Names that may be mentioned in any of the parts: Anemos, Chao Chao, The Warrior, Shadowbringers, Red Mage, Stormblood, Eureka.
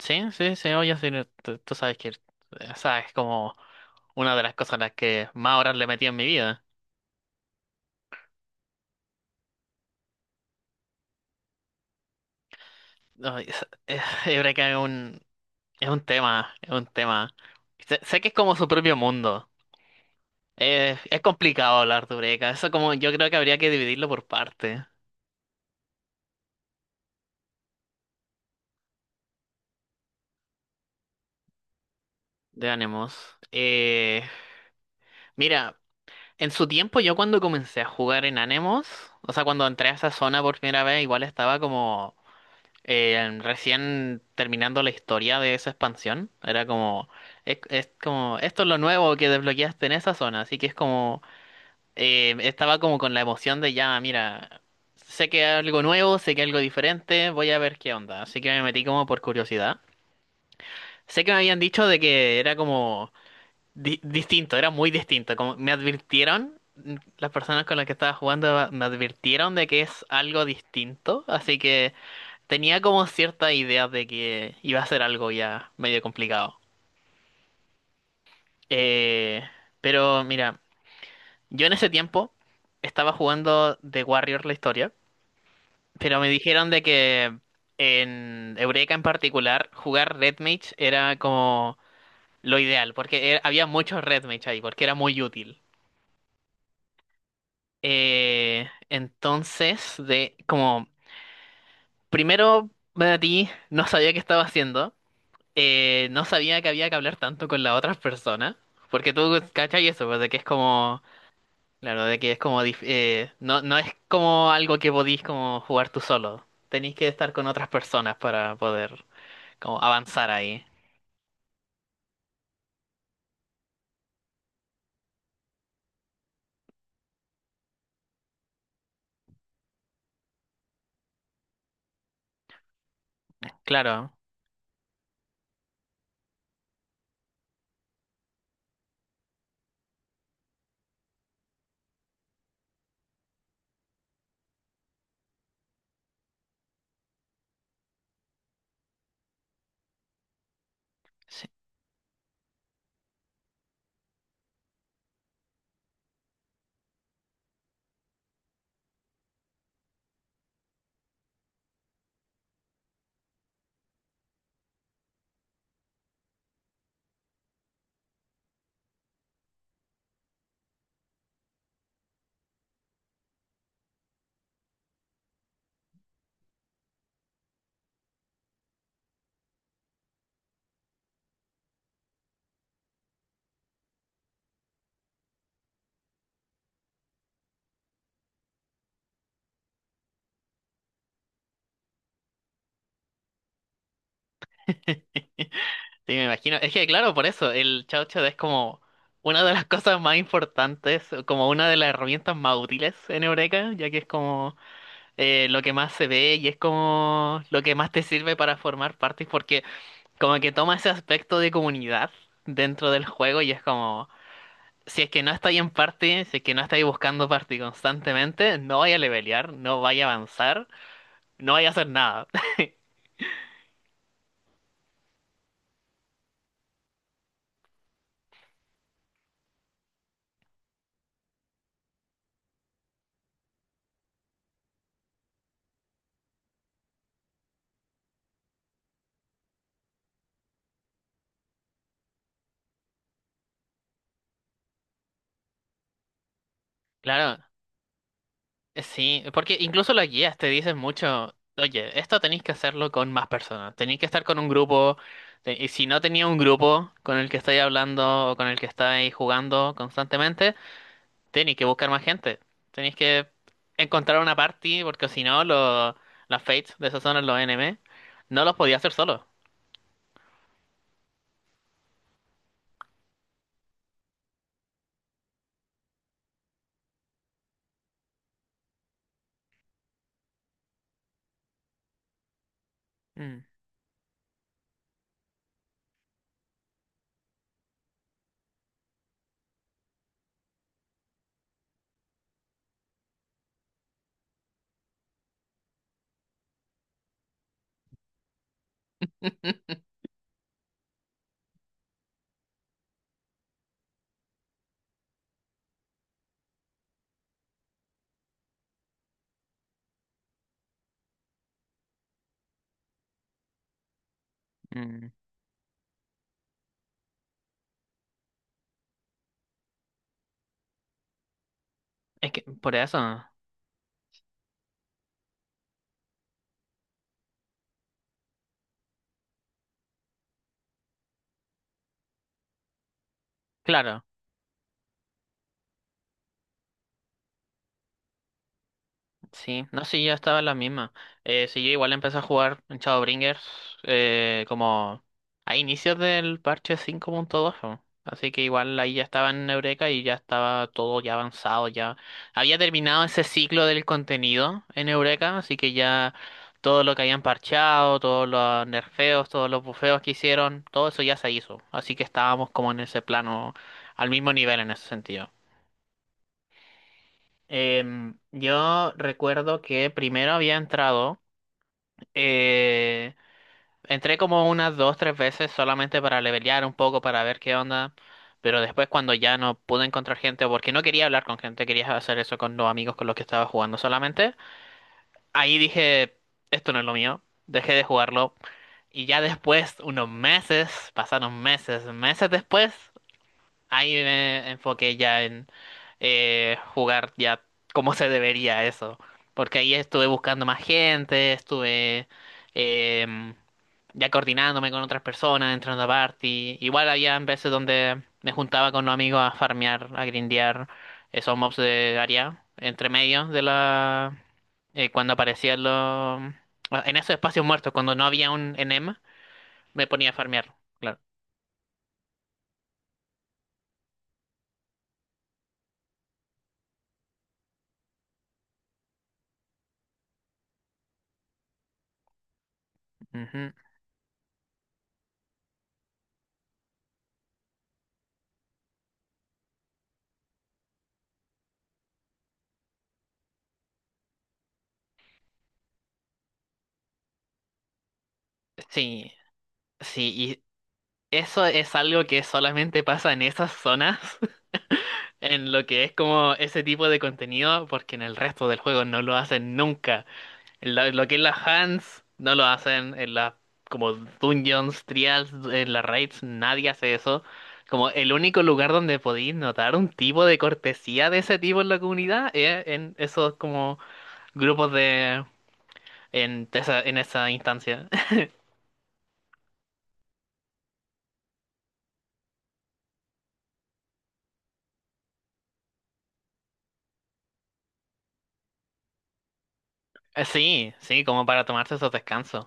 Sí, sí, sí, oye, sí, no, tú sabes que, o sea, es como una de las cosas a las que más horas le metí en mi vida. No, yo creo que es un tema, es un tema. Sé que es como su propio mundo. Es complicado hablar de Eureka. Eso como, yo creo que habría que dividirlo por parte de Anemos. Eh, Mira, en su tiempo yo cuando comencé a jugar en Anemos, o sea, cuando entré a esa zona por primera vez, igual estaba como, recién terminando la historia de esa expansión, era como, es como, esto es lo nuevo que desbloqueaste en esa zona, así que es como, estaba como con la emoción de ya, mira, sé que hay algo nuevo, sé que hay algo diferente, voy a ver qué onda, así que me metí como por curiosidad. Sé que me habían dicho de que era como distinto, era muy distinto, como me advirtieron, las personas con las que estaba jugando me advirtieron de que es algo distinto, así que. Tenía como cierta idea de que iba a ser algo ya medio complicado. Eh, pero mira, yo en ese tiempo estaba jugando The Warrior la historia, pero me dijeron de que en Eureka en particular jugar Red Mage era como lo ideal, porque había muchos Red Mage ahí, porque era muy útil. Entonces, de como primero me metí, no sabía qué estaba haciendo. No sabía que había que hablar tanto con las otras personas, porque tú cachai eso, pues, de que es como, claro, de que es como, no, no es como algo que podís como jugar tú solo, tenéis que estar con otras personas para poder como avanzar ahí. Claro. Sí, sí, me imagino, es que claro, por eso, el Chao Chao es como una de las cosas más importantes, como una de las herramientas más útiles en Eureka, ya que es como lo que más se ve y es como lo que más te sirve para formar partes, porque como que toma ese aspecto de comunidad dentro del juego y es como, si es que no estáis en party, si es que no estáis buscando party constantemente, no vaya a levelear, no vaya a avanzar, no vaya a hacer nada. Claro, sí, porque incluso las guías te dicen mucho, oye, esto tenéis que hacerlo con más personas, tenéis que estar con un grupo, te- y si no tenía un grupo con el que estáis hablando o con el que estáis jugando constantemente, tenéis que buscar más gente. Tenéis que encontrar una party, porque si no, los las Fates de esa zona, los NM, no los podía hacer solo. Mm. Mm. Es que, por eso, claro. Sí, no, sí, ya estaba en la misma. Sí, yo igual empecé a jugar en Shadowbringers como a inicios del parche 5.2, ¿no? Así que igual ahí ya estaba en Eureka y ya estaba todo ya avanzado, ya había terminado ese ciclo del contenido en Eureka, así que ya todo lo que habían parchado, todos los nerfeos, todos los bufeos que hicieron, todo eso ya se hizo. Así que estábamos como en ese plano, al mismo nivel en ese sentido. Yo recuerdo que primero había entrado, eh, entré como unas dos, tres veces solamente para levelear un poco, para ver qué onda, pero después cuando ya no pude encontrar gente, o porque no quería hablar con gente, quería hacer eso con los amigos con los que estaba jugando solamente, ahí dije, esto no es lo mío, dejé de jugarlo, y ya después, unos meses, pasaron meses, meses después, ahí me enfoqué ya en jugar ya como se debería eso, porque ahí estuve buscando más gente, estuve em, ya coordinándome con otras personas, entrando a party. Igual había veces donde me juntaba con los amigos a farmear, a grindear esos mobs de área, entre medio de la cuando aparecían los. En esos espacios muertos, cuando no había un enema, me ponía a farmear. Claro. Ujú. Sí, sí, eso es algo que solamente pasa en esas zonas, en lo que es como ese tipo de contenido, porque en el resto del juego no lo hacen nunca. Lo que es las hands, no lo hacen. En las como dungeons, trials, en las raids, nadie hace eso. Como el único lugar donde podéis notar un tipo de cortesía de ese tipo en la comunidad es en esos como grupos de, en esa instancia. Sí, sí, como para tomarse esos descansos.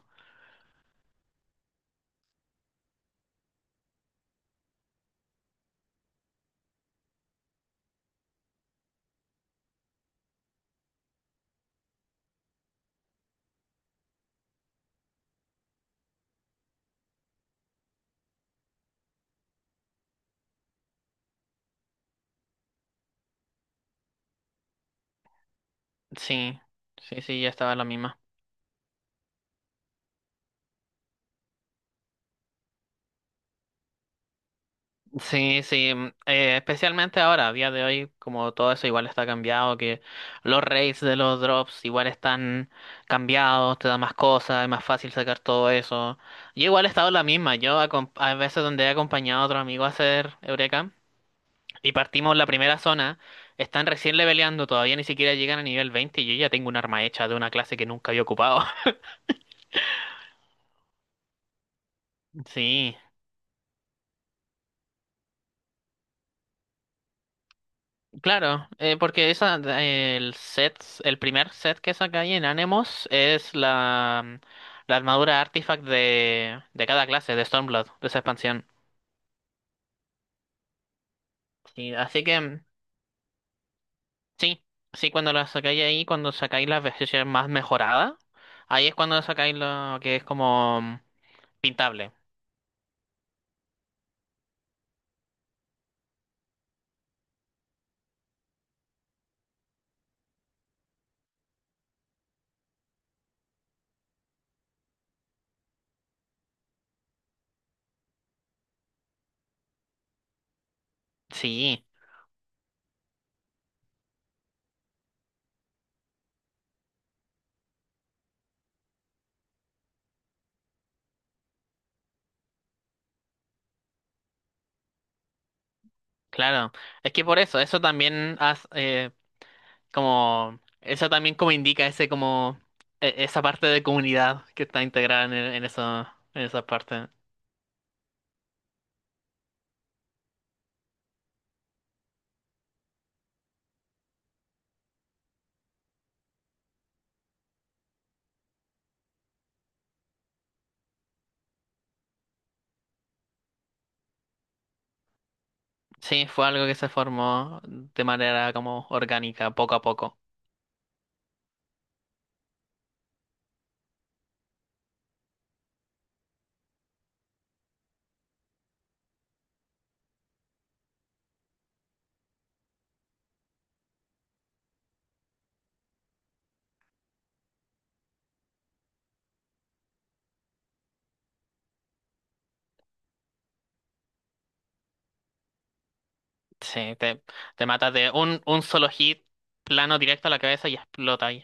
Sí, sí, sí, ya estaba la misma. Sí, sí, especialmente ahora, a día de hoy, como todo eso igual está cambiado, que los rates de los drops igual están cambiados, te da más cosas, es más fácil sacar todo eso. Yo igual he estado en la misma, a veces donde he acompañado a otro amigo a hacer Eureka y partimos la primera zona, están recién leveleando, todavía ni siquiera llegan a nivel 20 y yo ya tengo un arma hecha de una clase que nunca había ocupado. Sí. Claro, porque esa, el set, el primer set que saca ahí en Anemos es la armadura artifact de cada clase, de Stormblood, de esa expansión. Sí, así que sí, sí, cuando la sacáis ahí, cuando sacáis la versión más mejorada, ahí es cuando sacáis lo que es como pintable. Sí, claro. Es que por eso, eso también hace, como, eso también como indica ese como, esa parte de comunidad que está integrada en esa parte. Sí, fue algo que se formó de manera como orgánica, poco a poco. Sí, te matas de un solo hit, plano directo a la cabeza y explota ahí.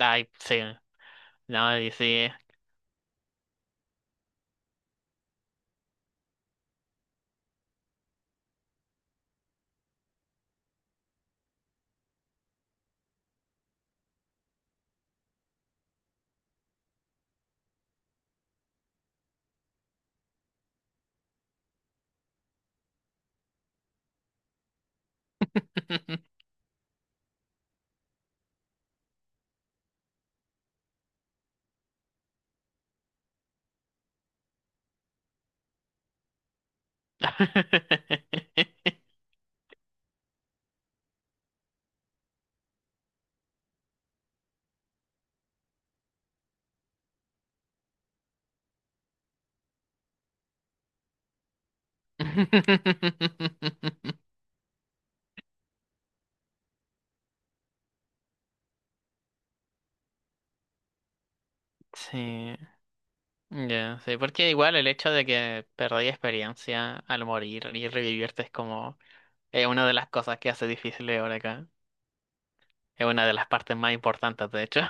Ay, sí, no, y sí. Sí. Ya, sí, porque igual el hecho de que perdí experiencia al morir y revivirte es como, es una de las cosas que hace difícil ahora acá. Es una de las partes más importantes, de hecho.